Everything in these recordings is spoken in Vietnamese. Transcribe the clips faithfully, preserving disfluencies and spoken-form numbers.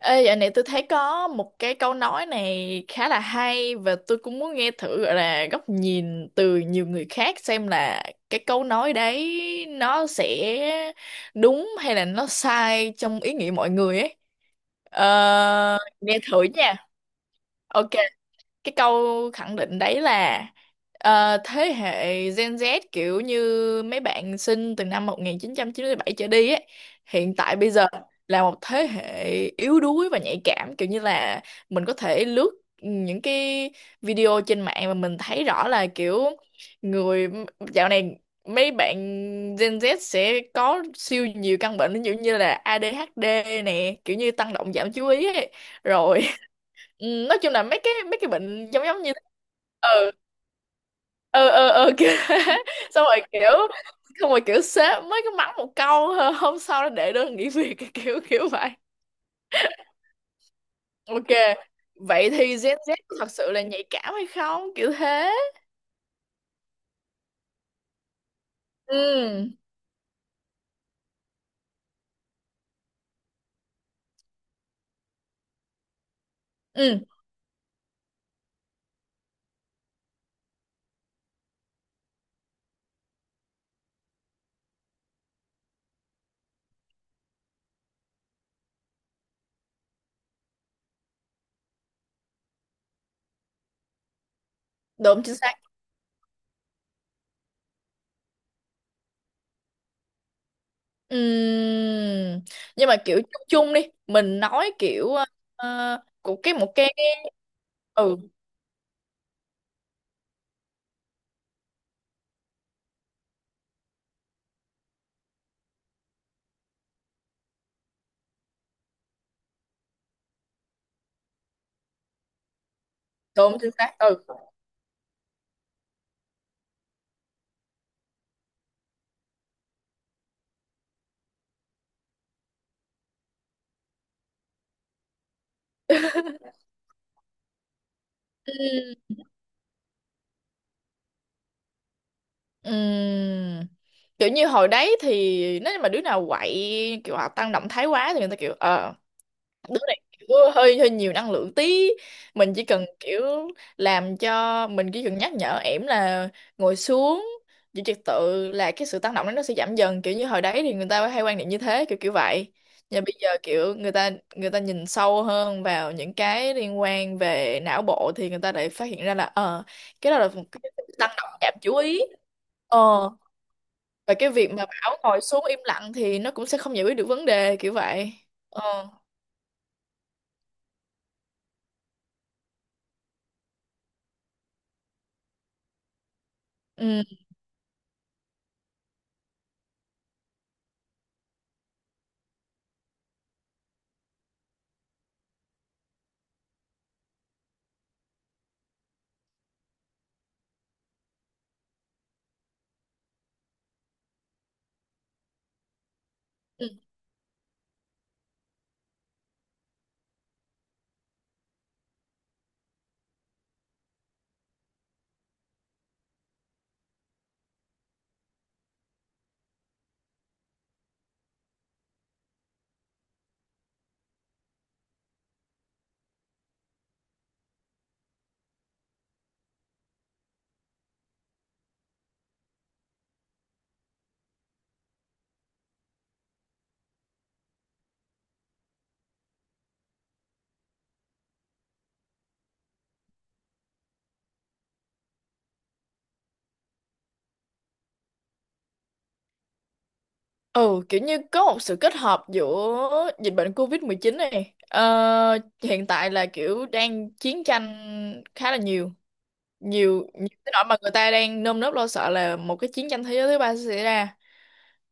Ê, dạo này tôi thấy có một cái câu nói này khá là hay và tôi cũng muốn nghe thử gọi là góc nhìn từ nhiều người khác xem là cái câu nói đấy nó sẽ đúng hay là nó sai trong ý nghĩa mọi người ấy. Ờ, nghe thử nha. Ok, cái câu khẳng định đấy là ờ, thế hệ Gen Z kiểu như mấy bạn sinh từ năm một chín chín bảy trở đi ấy, hiện tại bây giờ là một thế hệ yếu đuối và nhạy cảm, kiểu như là mình có thể lướt những cái video trên mạng mà mình thấy rõ là kiểu người dạo này mấy bạn Gen Z sẽ có siêu nhiều căn bệnh, ví dụ như là a đê hát đê nè, kiểu như tăng động giảm chú ý ấy. Rồi ừ, nói chung là mấy cái mấy cái bệnh giống giống như thế. ừ ừ ừ ừ kiểu thế. xong rồi kiểu xong rồi kiểu sếp mới có mắng một câu "Hơ", hôm sau nó để đơn nghỉ việc. Kiểu kiểu vậy. Ok, vậy thì Gen Z có thật sự là nhạy cảm hay không, kiểu thế. Ừ, ừ, đúng chính xác. Ừ, nhưng mà kiểu chung chung đi, mình nói kiểu ờ, của cái một cái. Ừ, đúng chính xác. Ừ Ừ. Ừm, kiểu như hồi đấy thì nếu như mà đứa nào quậy kiểu hoặc tăng động thái quá thì người ta kiểu ờ đứa này kiểu hơi hơi nhiều năng lượng tí, mình chỉ cần kiểu làm cho mình chỉ cần nhắc nhở ẻm là ngồi xuống giữ trật tự là cái sự tăng động đó nó sẽ giảm dần, kiểu như hồi đấy thì người ta hay quan niệm như thế, kiểu kiểu vậy. Nhưng bây giờ kiểu người ta người ta nhìn sâu hơn vào những cái liên quan về não bộ thì người ta lại phát hiện ra là ờ cái đó là một cái tăng động giảm chú ý. ờ và cái việc mà bảo ngồi xuống im lặng thì nó cũng sẽ không giải quyết được vấn đề, kiểu vậy. ờ ừ, ừ. Ừ, kiểu như có một sự kết hợp giữa dịch bệnh covid một chín này, ờ, hiện tại là kiểu đang chiến tranh khá là nhiều, nhiều nhiều cái nỗi mà người ta đang nơm nớp lo sợ là một cái chiến tranh thế giới thứ ba sẽ xảy ra.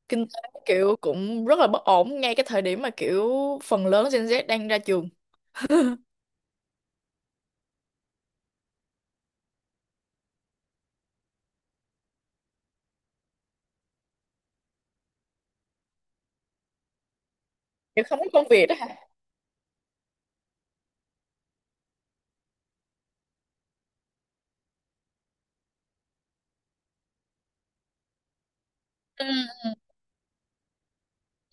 Kinh tế kiểu cũng rất là bất ổn ngay cái thời điểm mà kiểu phần lớn Gen Z đang ra trường. Kiểu không có công việc đó hả? ừ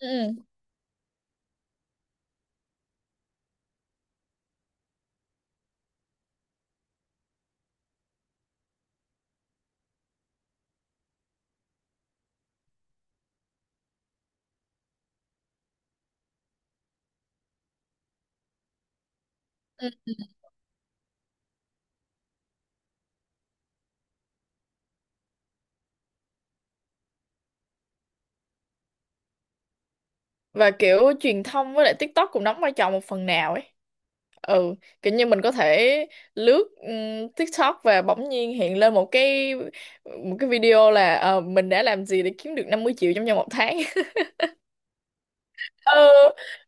ừ ừ. Và kiểu truyền thông với lại TikTok cũng đóng vai trò một phần nào ấy. Ừ, kiểu như mình có thể lướt ừm, TikTok và bỗng nhiên hiện lên một cái, một cái video là ờ, mình đã làm gì để kiếm được năm mươi triệu trong vòng một tháng. Ừ,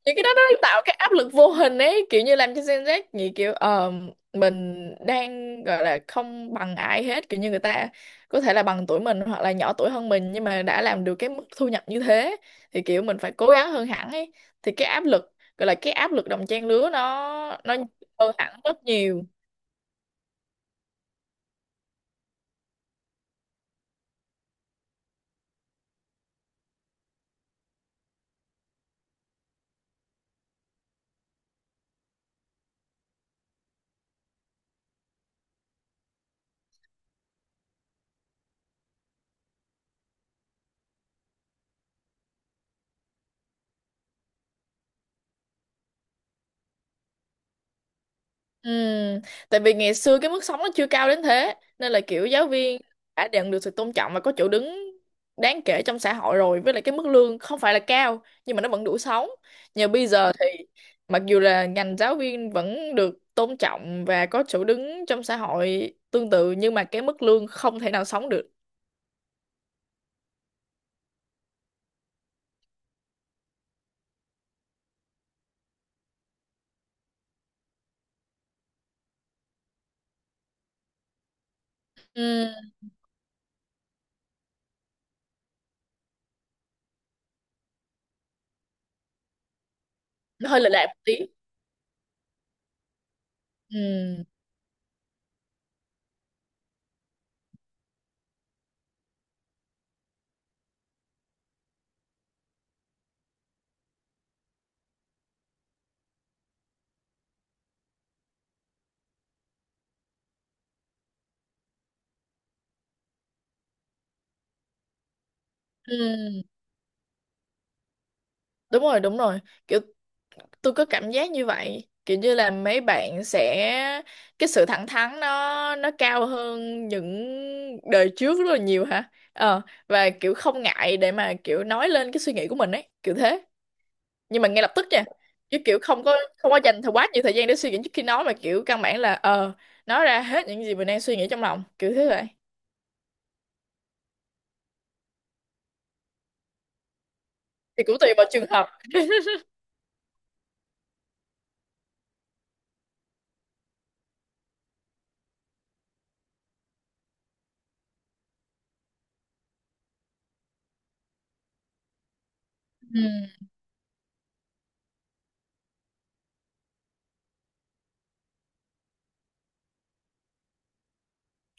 những cái đó nó tạo cái áp lực vô hình ấy, kiểu như làm cho Gen Z nghĩ kiểu ờ, mình đang gọi là không bằng ai hết, kiểu như người ta có thể là bằng tuổi mình hoặc là nhỏ tuổi hơn mình nhưng mà đã làm được cái mức thu nhập như thế, thì kiểu mình phải cố gắng hơn hẳn ấy. Thì cái áp lực gọi là cái áp lực đồng trang lứa nó nó hơn hẳn rất nhiều. Ừ, tại vì ngày xưa cái mức sống nó chưa cao đến thế nên là kiểu giáo viên đã nhận được sự tôn trọng và có chỗ đứng đáng kể trong xã hội rồi, với lại cái mức lương không phải là cao nhưng mà nó vẫn đủ sống. Nhờ bây giờ thì mặc dù là ngành giáo viên vẫn được tôn trọng và có chỗ đứng trong xã hội tương tự, nhưng mà cái mức lương không thể nào sống được. Ừ, nó hơi lệch lạc một tí. Ừ, ừ, đúng rồi, đúng rồi, kiểu tôi có cảm giác như vậy, kiểu như là mấy bạn sẽ cái sự thẳng thắn nó nó cao hơn những đời trước rất là nhiều hả? ờ và kiểu không ngại để mà kiểu nói lên cái suy nghĩ của mình ấy, kiểu thế. Nhưng mà ngay lập tức nha, chứ kiểu không có không có dành thời quá nhiều thời gian để suy nghĩ trước khi nói, mà kiểu căn bản là ờ nói ra hết những gì mình đang suy nghĩ trong lòng kiểu thế vậy. Thì cũng tùy vào trường hợp. Ừ,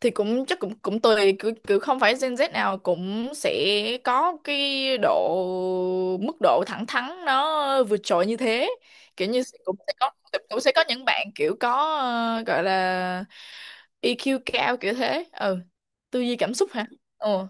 thì cũng chắc cũng cũng tùy, cứ cứ không phải Gen Z nào cũng sẽ có cái độ mức độ thẳng thắn nó vượt trội như thế. Kiểu như sẽ- cũng sẽ có, cũng sẽ có những bạn kiểu có ờ, gọi là e kiu cao, kiểu thế. Ừ, tư duy cảm xúc hả? Ừ,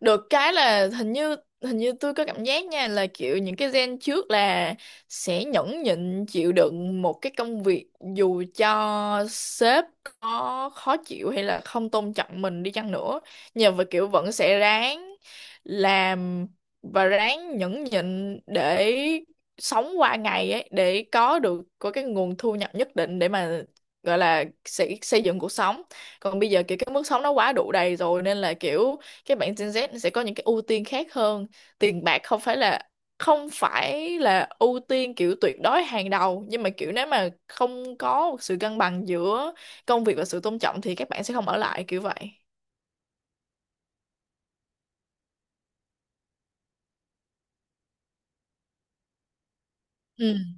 được cái là hình như, hình như tôi có cảm giác nha là kiểu những cái gen trước là sẽ nhẫn nhịn chịu đựng một cái công việc dù cho sếp có khó chịu hay là không tôn trọng mình đi chăng nữa, nhưng mà kiểu vẫn sẽ ráng làm và ráng nhẫn nhịn để sống qua ngày ấy, để có được có cái nguồn thu nhập nhất định để mà gọi là xây, xây dựng cuộc sống. Còn bây giờ kiểu cái mức sống nó quá đủ đầy rồi nên là kiểu cái bạn Gen Z sẽ có những cái ưu tiên khác hơn. Tiền bạc không phải là không phải là ưu tiên kiểu tuyệt đối hàng đầu, nhưng mà kiểu nếu mà không có một sự cân bằng giữa công việc và sự tôn trọng thì các bạn sẽ không ở lại, kiểu vậy. Ừ,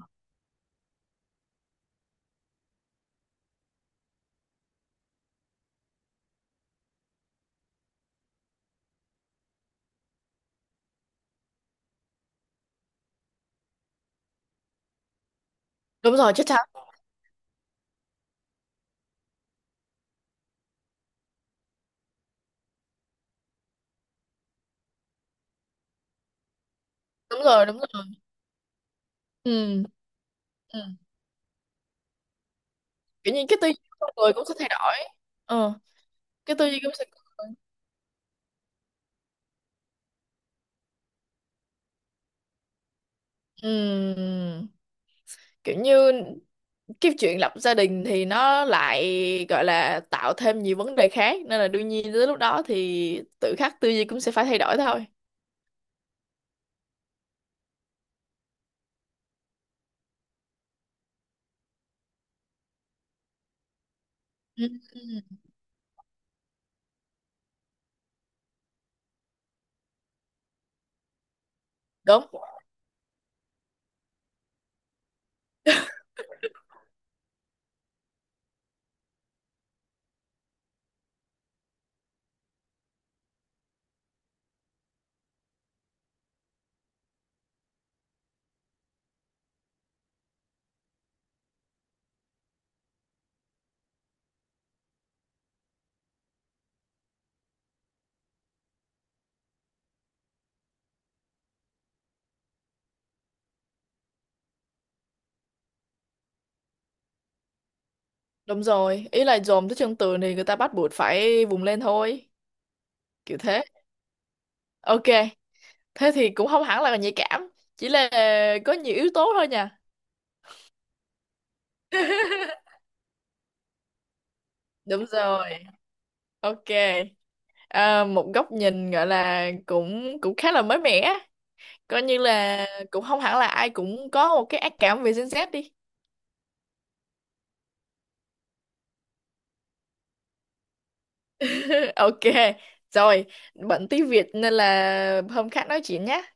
đúng rồi, chết thật, đúng rồi, đúng rồi. Ừ, ừ, kiểu như cái tư duy của con người cũng sẽ thay đổi. ờ cái tư duy cũng sẽ ừ, kiểu như cái chuyện lập gia đình thì nó lại gọi là tạo thêm nhiều vấn đề khác, nên là đương nhiên tới lúc đó thì tự khắc tư duy cũng sẽ phải thay đổi thôi. Ừ. Ừ. Đúng, đúng rồi, ý là dồn tới chân tường thì người ta bắt buộc phải vùng lên thôi, kiểu thế. Ok, thế thì cũng không hẳn là nhạy cảm, chỉ là có nhiều yếu tố thôi nha. Đúng rồi. Ok, à, một góc nhìn gọi là cũng cũng khá là mới mẻ, coi như là cũng không hẳn là ai cũng có một cái ác cảm về Gen Z đi. Ok, rồi, bận tí việc nên là hôm khác nói chuyện nhé.